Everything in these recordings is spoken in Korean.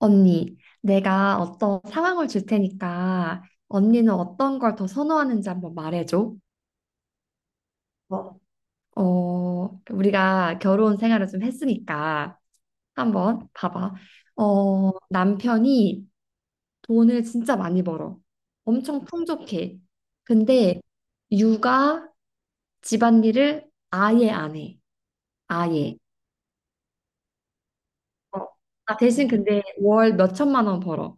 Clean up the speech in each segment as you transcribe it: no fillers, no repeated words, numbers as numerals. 언니, 내가 어떤 상황을 줄 테니까 언니는 어떤 걸 더 선호하는지 한번 말해줘. 어, 우리가 결혼 생활을 좀 했으니까 한번 봐봐. 남편이 돈을 진짜 많이 벌어. 엄청 풍족해. 근데 육아, 집안일을 아예 안 해. 아예. 어, 대신 근데 월 몇천만 원 벌어.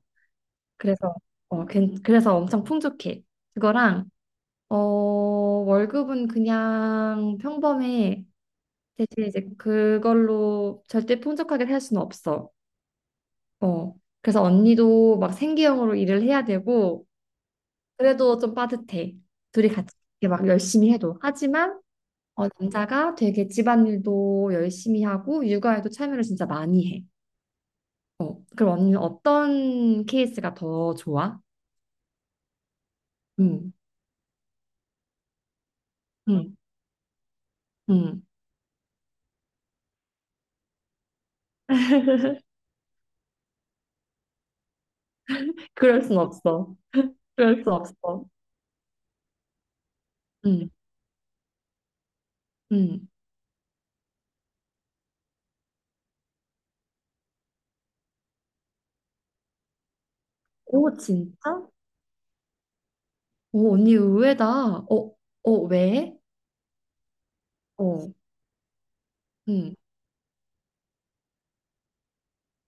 그래서, 그래서 엄청 풍족해. 그거랑 월급은 그냥 평범해. 대신 이제 그걸로 절대 풍족하게 살 수는 없어. 어. 그래서 언니도 막 생계형으로 일을 해야 되고, 그래도 좀 빠듯해. 둘이 같이 이렇게 막 열심히 해도. 하지만, 남자가 되게 집안일도 열심히 하고, 육아에도 참여를 진짜 많이 해. 어. 그럼 언니는 어떤 케이스가 더 좋아? 응, 응, 응. 그럴 순 없어. 그럴 수 없어. 응, 응. 오, 진짜? 오, 언니 의외다. 어, 왜? 어, 응,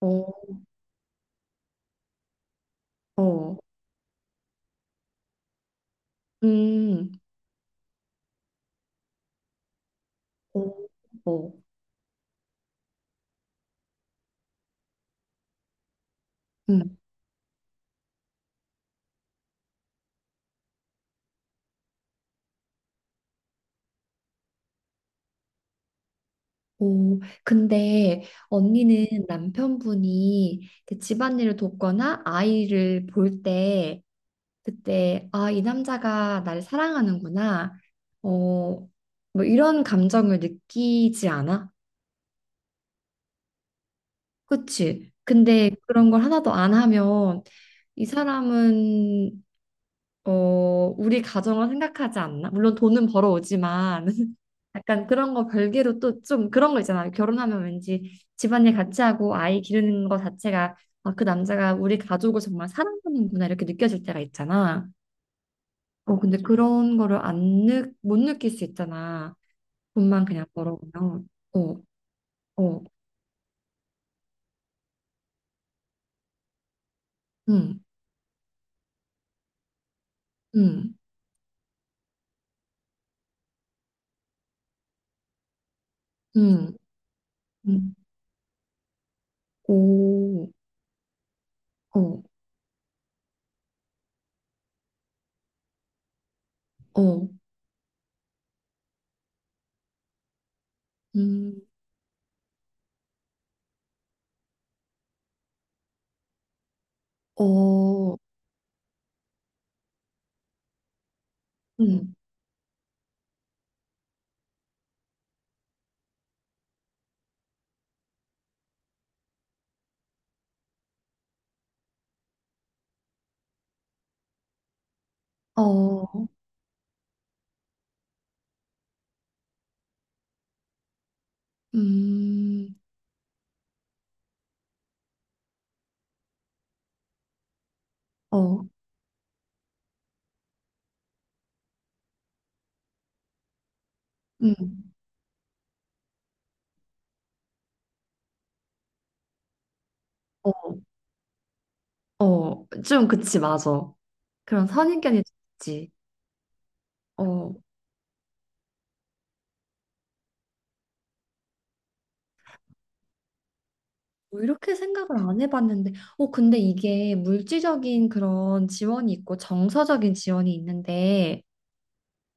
어, 어, 음, 어, 어, 음, 오. 근데 언니는 남편분이 이렇게 집안일을 돕거나 아이를 볼 때, 그때, 아, 이 남자가 나를 사랑하는구나. 어, 뭐 이런 감정을 느끼지 않아? 그치? 근데 그런 걸 하나도 안 하면 이 사람은 우리 가정을 생각하지 않나? 물론 돈은 벌어오지만 약간 그런 거 별개로 또 좀 그런 거 있잖아요. 결혼하면 왠지 집안일 같이 하고 아이 기르는 거 자체가 아, 그 남자가 우리 가족을 정말 사랑하는구나 이렇게 느껴질 때가 있잖아. 근데 그런 거를 안 느, 못 느낄 수 있잖아. 돈만 그냥 벌어오면. 어, 어, 음, 음, 음, 음, 오, 어, 어, 음, 어, 음, 어. 음, 어, 음, 어, 좀 그치, 맞아. 그런 선입견이 있지. 뭐 이렇게 생각을 안 해봤는데, 근데 이게 물질적인 그런 지원이 있고 정서적인 지원이 있는데,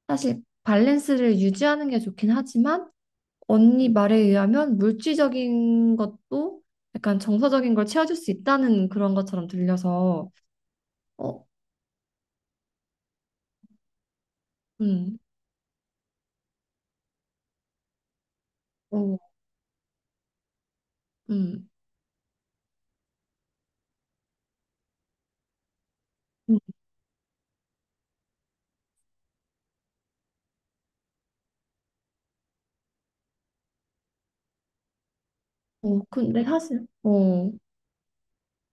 사실 밸런스를 유지하는 게 좋긴 하지만, 언니 말에 의하면 물질적인 것도 약간 정서적인 걸 채워줄 수 있다는 그런 것처럼 들려서, 어, 음, 어, 음, 음, 근데 사실,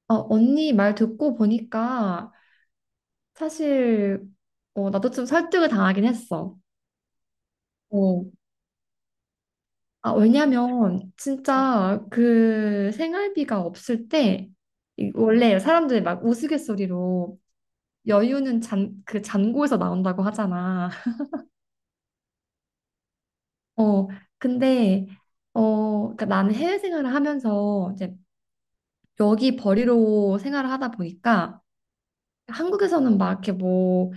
언니 말 듣고 보니까 사실 나도 좀 설득을 당하긴 했어. 어. 아, 왜냐면 진짜 그 생활비가 없을 때 원래 사람들이 막 우스갯소리로 여유는 그 잔고에서 나온다고 하잖아. 어, 근데 그러니까 나는 해외 생활을 하면서 이제 여기 벌이로 생활을 하다 보니까 한국에서는 막 이렇게 뭐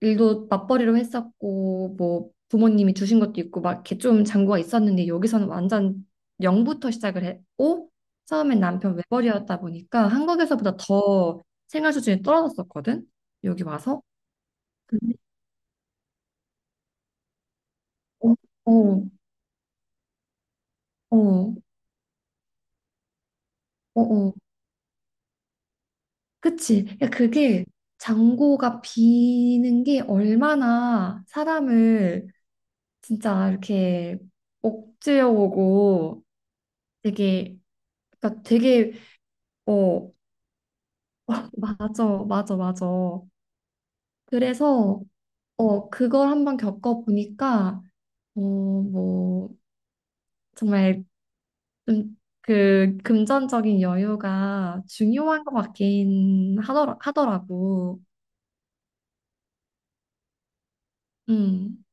일도 맞벌이로 했었고 뭐 부모님이 주신 것도 있고 막 이렇게 좀 잔고가 있었는데 여기서는 완전 영부터 시작을 했고 처음엔 남편 외벌이였다 보니까 한국에서보다 더 생활 수준이 떨어졌었거든. 여기 와서 근데. 어, 어, 어, 어, 어. 그치, 그러니까 그게 잔고가 비는 게 얼마나 사람을 진짜 이렇게 억제어오고 되게, 그러니까 되게 어 맞아, 맞아, 맞아. 그래서, 그걸 한번 겪어보니까, 뭐, 정말 좀 그 금전적인 여유가 중요한 것 같긴 하더라고. 음,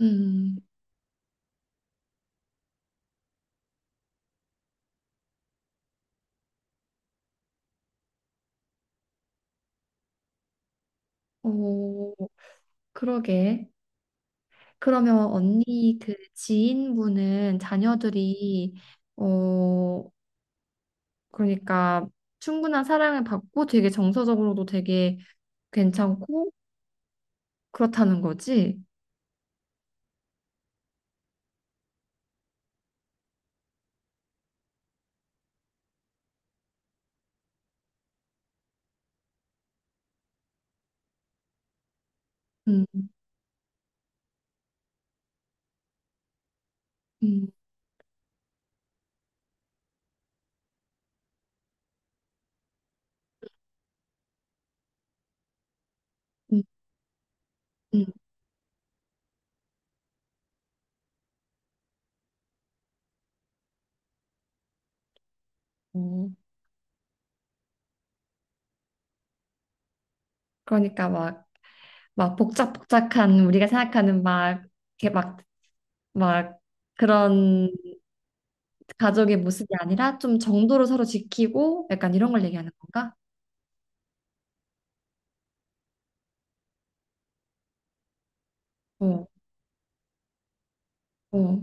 음, 어, 그러게. 그러면 언니 그 지인분은 자녀들이, 어, 그러니까 충분한 사랑을 받고 되게 정서적으로도 되게 괜찮고 그렇다는 거지? 음. 음, 음, 음. 음, 그러니까 막, 막 복작복작한 우리가 생각하는 막, 이렇게 막, 막 그런 가족의 모습이 아니라 좀 정도를 서로 지키고 약간 이런 걸 얘기하는 건가? 어, 어,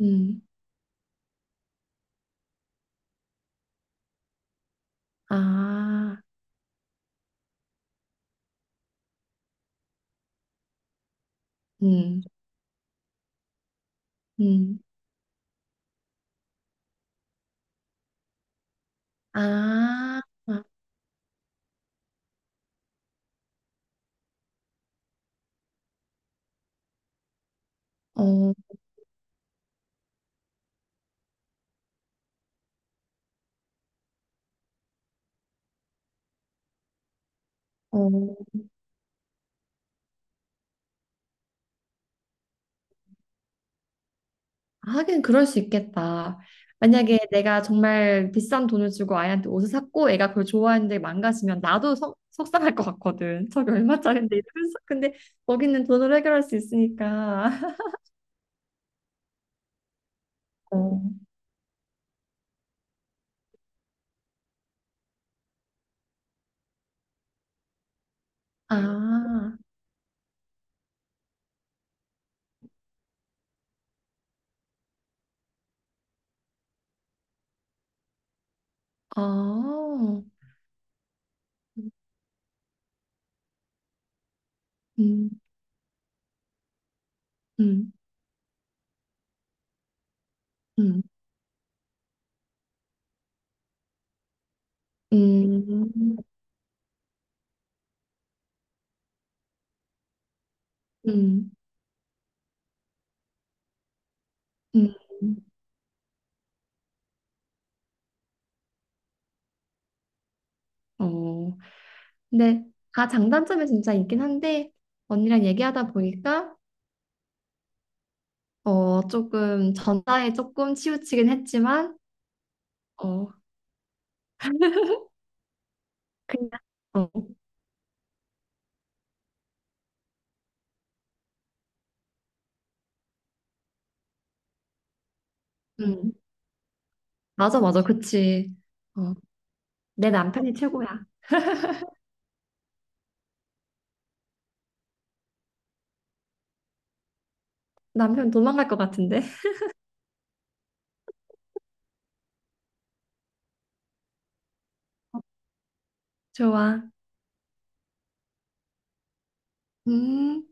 음, 아, 음, 음, 아, 어, 어, 하긴 그럴 수 있겠다. 만약에 내가 정말 비싼 돈을 주고 아이한테 옷을 샀고 애가 그걸 좋아하는데 망가지면 나도 속상할 것 같거든. 저게 얼마짜린데 이러면서. 근데 거기는 돈으로 해결할 수 있으니까. 어. 아, 어, 음, 음, 음, 음, 음, 음, 음. 어. 근데 다 장단점이 진짜 있긴 한데 언니랑 얘기하다 보니까 조금 전자에 조금 치우치긴 했지만 어, 그냥, 어, 음, 맞아, 맞아, 그치. 어, 내 남편이 최고야. 남편 도망갈 것 같은데? 좋아. 음.